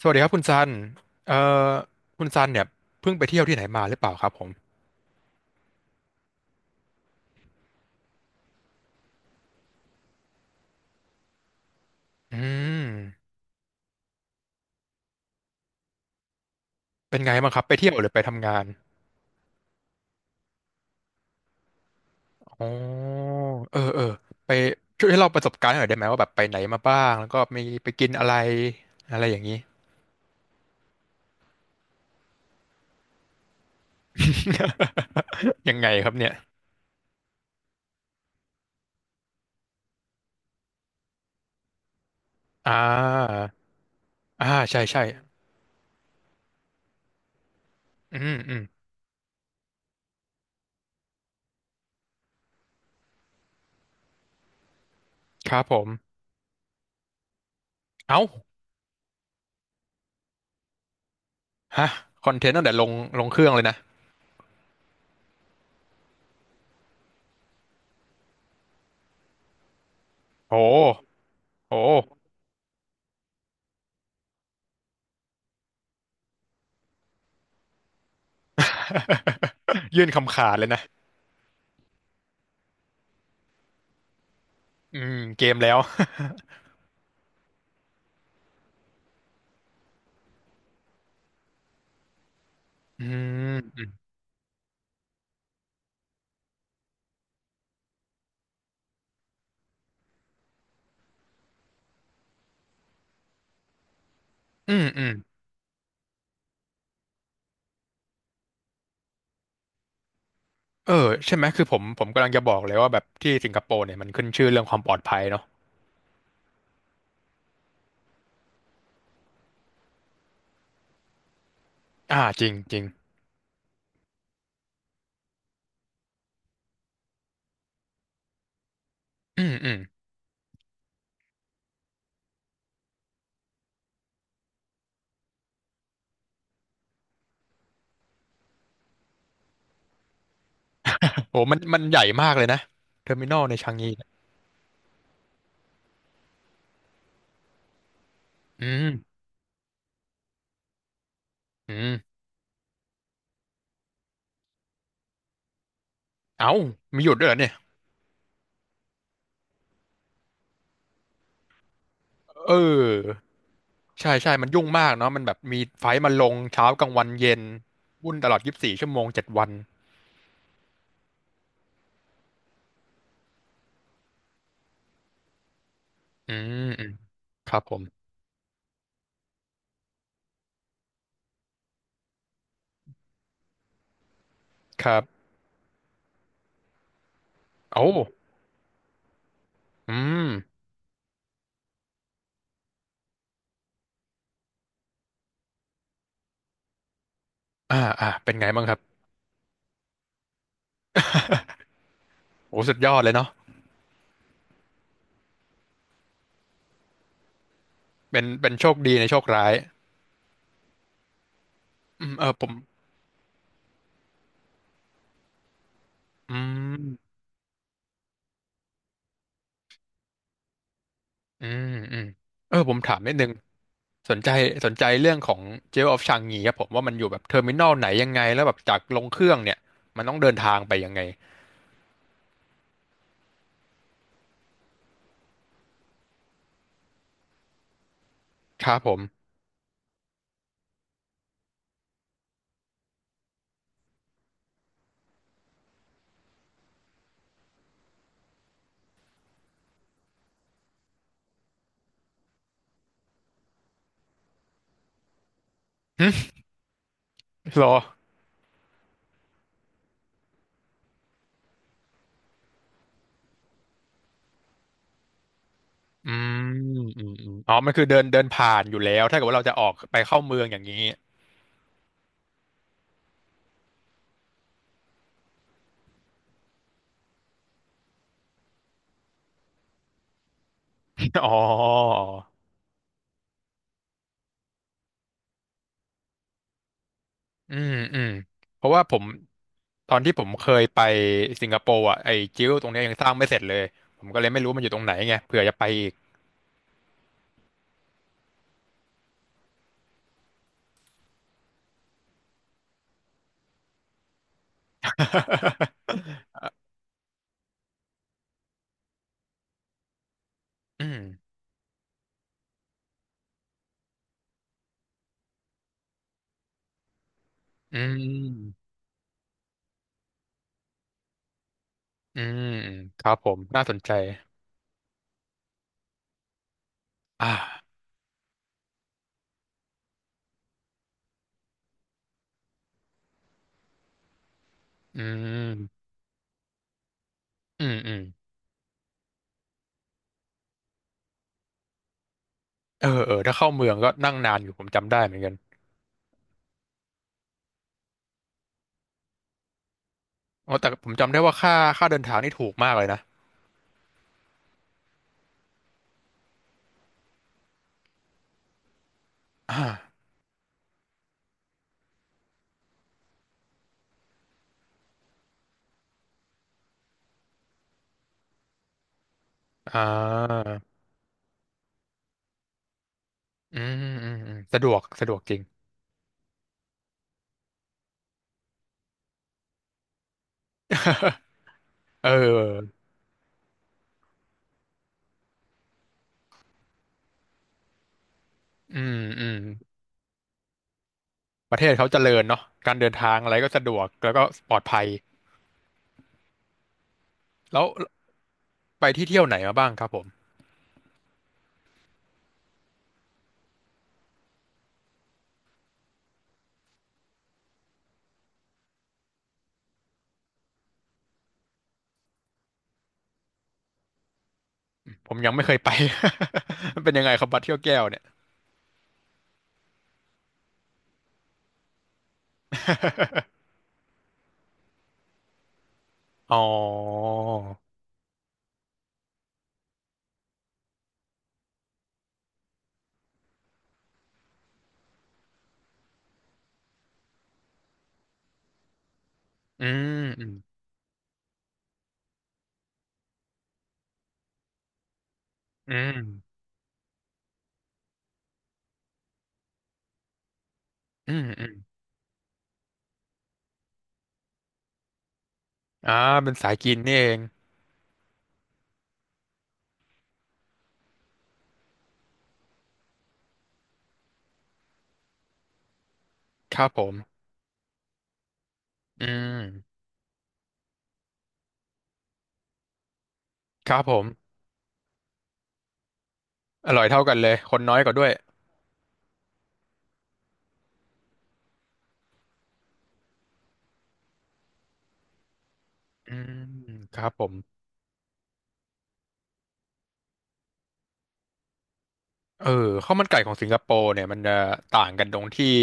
สวัสดีครับคุณซันเอ่อคุณซันเนี่ยเพิ่งไปเที่ยวที่ไหนมาหรือเปล่าครับผมอืมเป็นไงบ้างครับไปเที่ยวหรือไปทำงานอ๋อเออเออไปช่วยให้เราประสบการณ์หน่อยได้ไหมว่าแบบไปไหนมาบ้างแล้วก็มีไปกินอะไรอะไรอย่างนี้ ยังไงครับเนี่ยอ่าอ่าใช่ใช่อืมอืมครับผมเอ้าฮะคอนเทนต์ตั้งแต่ลงเครื่องเลยนะโอ้โห ยื่นคำขาดเลยนะอืมเกมแล้ว อืมอืมอืมอืมเออใช่ไหมคือผมกำลังจะบอกเลยว่าแบบที่สิงคโปร์เนี่ยมันขึ้นชื่อเรื่องความปลอดภัยเนาะอ่าจริงจริงอืมอืมโหมันใหญ่มากเลยนะเทอร์มินอลในชางงีเนี่ยอืมอืมเอ้ามีหยุดด้วยเหรอเนี่ยเออใช่ใช่มันยุ่งมากเนาะมันแบบมีไฟล์มาลงเช้ากลางวันเย็นวุ่นตลอด24ชั่วโมง7วันอืมอืมครับผมครับโอ้อืมอ่าอ่าเป็นไงบ้างครับโอ้สุดยอดเลยเนาะเป็นโชคดีในโชคร้าย อืมเออผมอืมอืมอืมเออผมถามนิดนึงสนใจสนใจเรื่องของเจลออฟชางงีครับผมว่ามันอยู่แบบเทอร์มินอลไหนยังไงแล้วแบบจากลงเครื่องเนี่ยมันต้องเดินทางไปยังไงครับผม หึรออืมอืมอืมอ๋อมันคือเดินเดินผ่านอยู่แล้วถ้าเกิดว่าเราจะออกไปเข้าเมืองอย่างนี้ อ๋ออืมอืม เพราะว่าผมตอนที่ผมเคยไปสิงคโปร์อ่ะไอ้จิ้วตรงเนี้ยยังสร้างไม่เสร็จเลยผมก็เลยไม่รู้มันอยู่ตรงไหนไงเผื่อจะไปอีก อืมอืมอืมครับผมน่าสนใจอ่าอืมอืมอืมเออเออถ้าเข้าเมืองก็นั่งนานอยู่ผมจำได้เหมือนกันโอ้แต่ผมจำได้ว่าค่าเดินทางนี่ถูกมากเลยนะอ่าอ่าอืมอืมอืมสะดวกสะดวกจริง เอออืมอืมประเทศเขาเจริญเนาะการเดินทางอะไรก็สะดวกแล้วก็ปลอดภัยแล้วไปที่เที่ยวไหนมาบ้างครับผมผมยังไม่เคยไป มันเป็นยังไงครับบัดเที่ยวแก้วเนี่ยอ๋อ อืมอืมอืมอืมอืมอ่าเป็นสายกินนี่เองครับผมอืมครับผมอร่อยเท่ากันเลยคนน้อยกว่าด้วยอืมครับผมเออข้าวมันไก่ของสิงคโปร์เนี่ยมันจะต่างกันตรงที่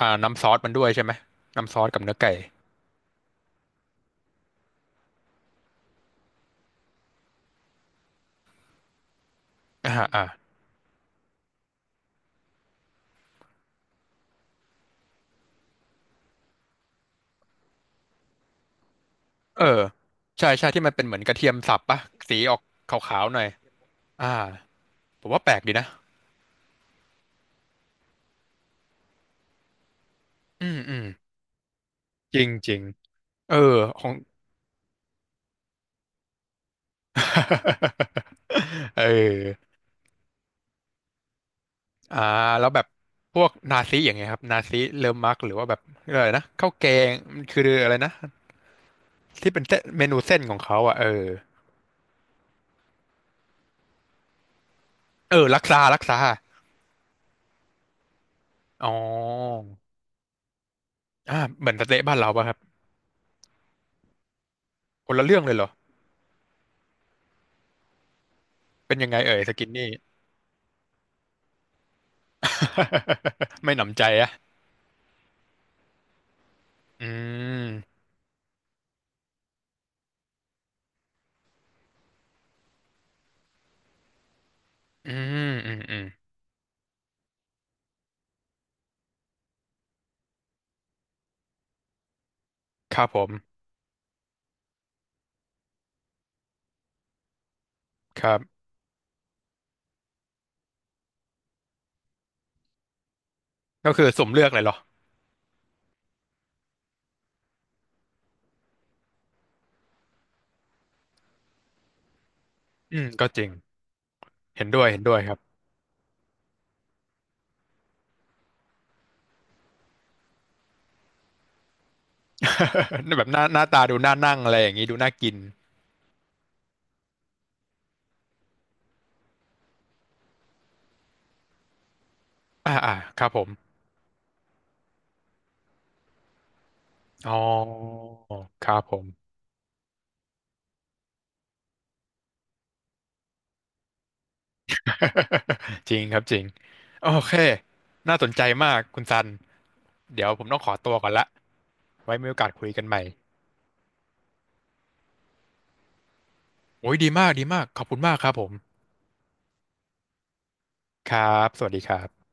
อ่าน้ำซอสมันด้วยใช่ไหมน้ำซอสกับเนื้อไก่อ่าอ่าเออใช่ใช่ที่มันเป็นเหมือนกระเทียมสับปะสีออกขาวๆหน่อยอ่าผมว่าแปลกดีนะอืมอืมจริงจริงเออของ เออ อ่าแล้วแบบพวกนาซีอย่างเงี้ยครับนาซีเลอมักหรือว่าแบบอะไรนะข้าวแกงมันคืออะไรนะที่เป็นเส้นเมนูเส้นของเขาอ่ะเออเออลักซาลักซาอ๋ออ่าเหมือนสเต๊ะบ้านเราป่ะครับคนละเรื่องเลยเหรอเป็นยังไงเอ่ยสกินนี่ ไม่หนำใจอะอืมอืมอืมอืมครับผมครับก็คือสุ่มเลือกเลยเหรออืมก็จริงเห็นด้วยเห็นด้วยครับ แบบหน้าตาดูน่านั่งอะไรอย่างงี้ดูน่ากินอ่าอ่าครับผม อ๋อ ครับผม จริงครับจริง โอเค น่าสนใจมากคุณซัน เดี๋ยวผมต้องขอตัวก่อนละไว้มีโอกาสคุยกันใหม่ โอ้ยดีมากดีมาก ขอบคุณมากครับผม ครับ สวัสดีครับ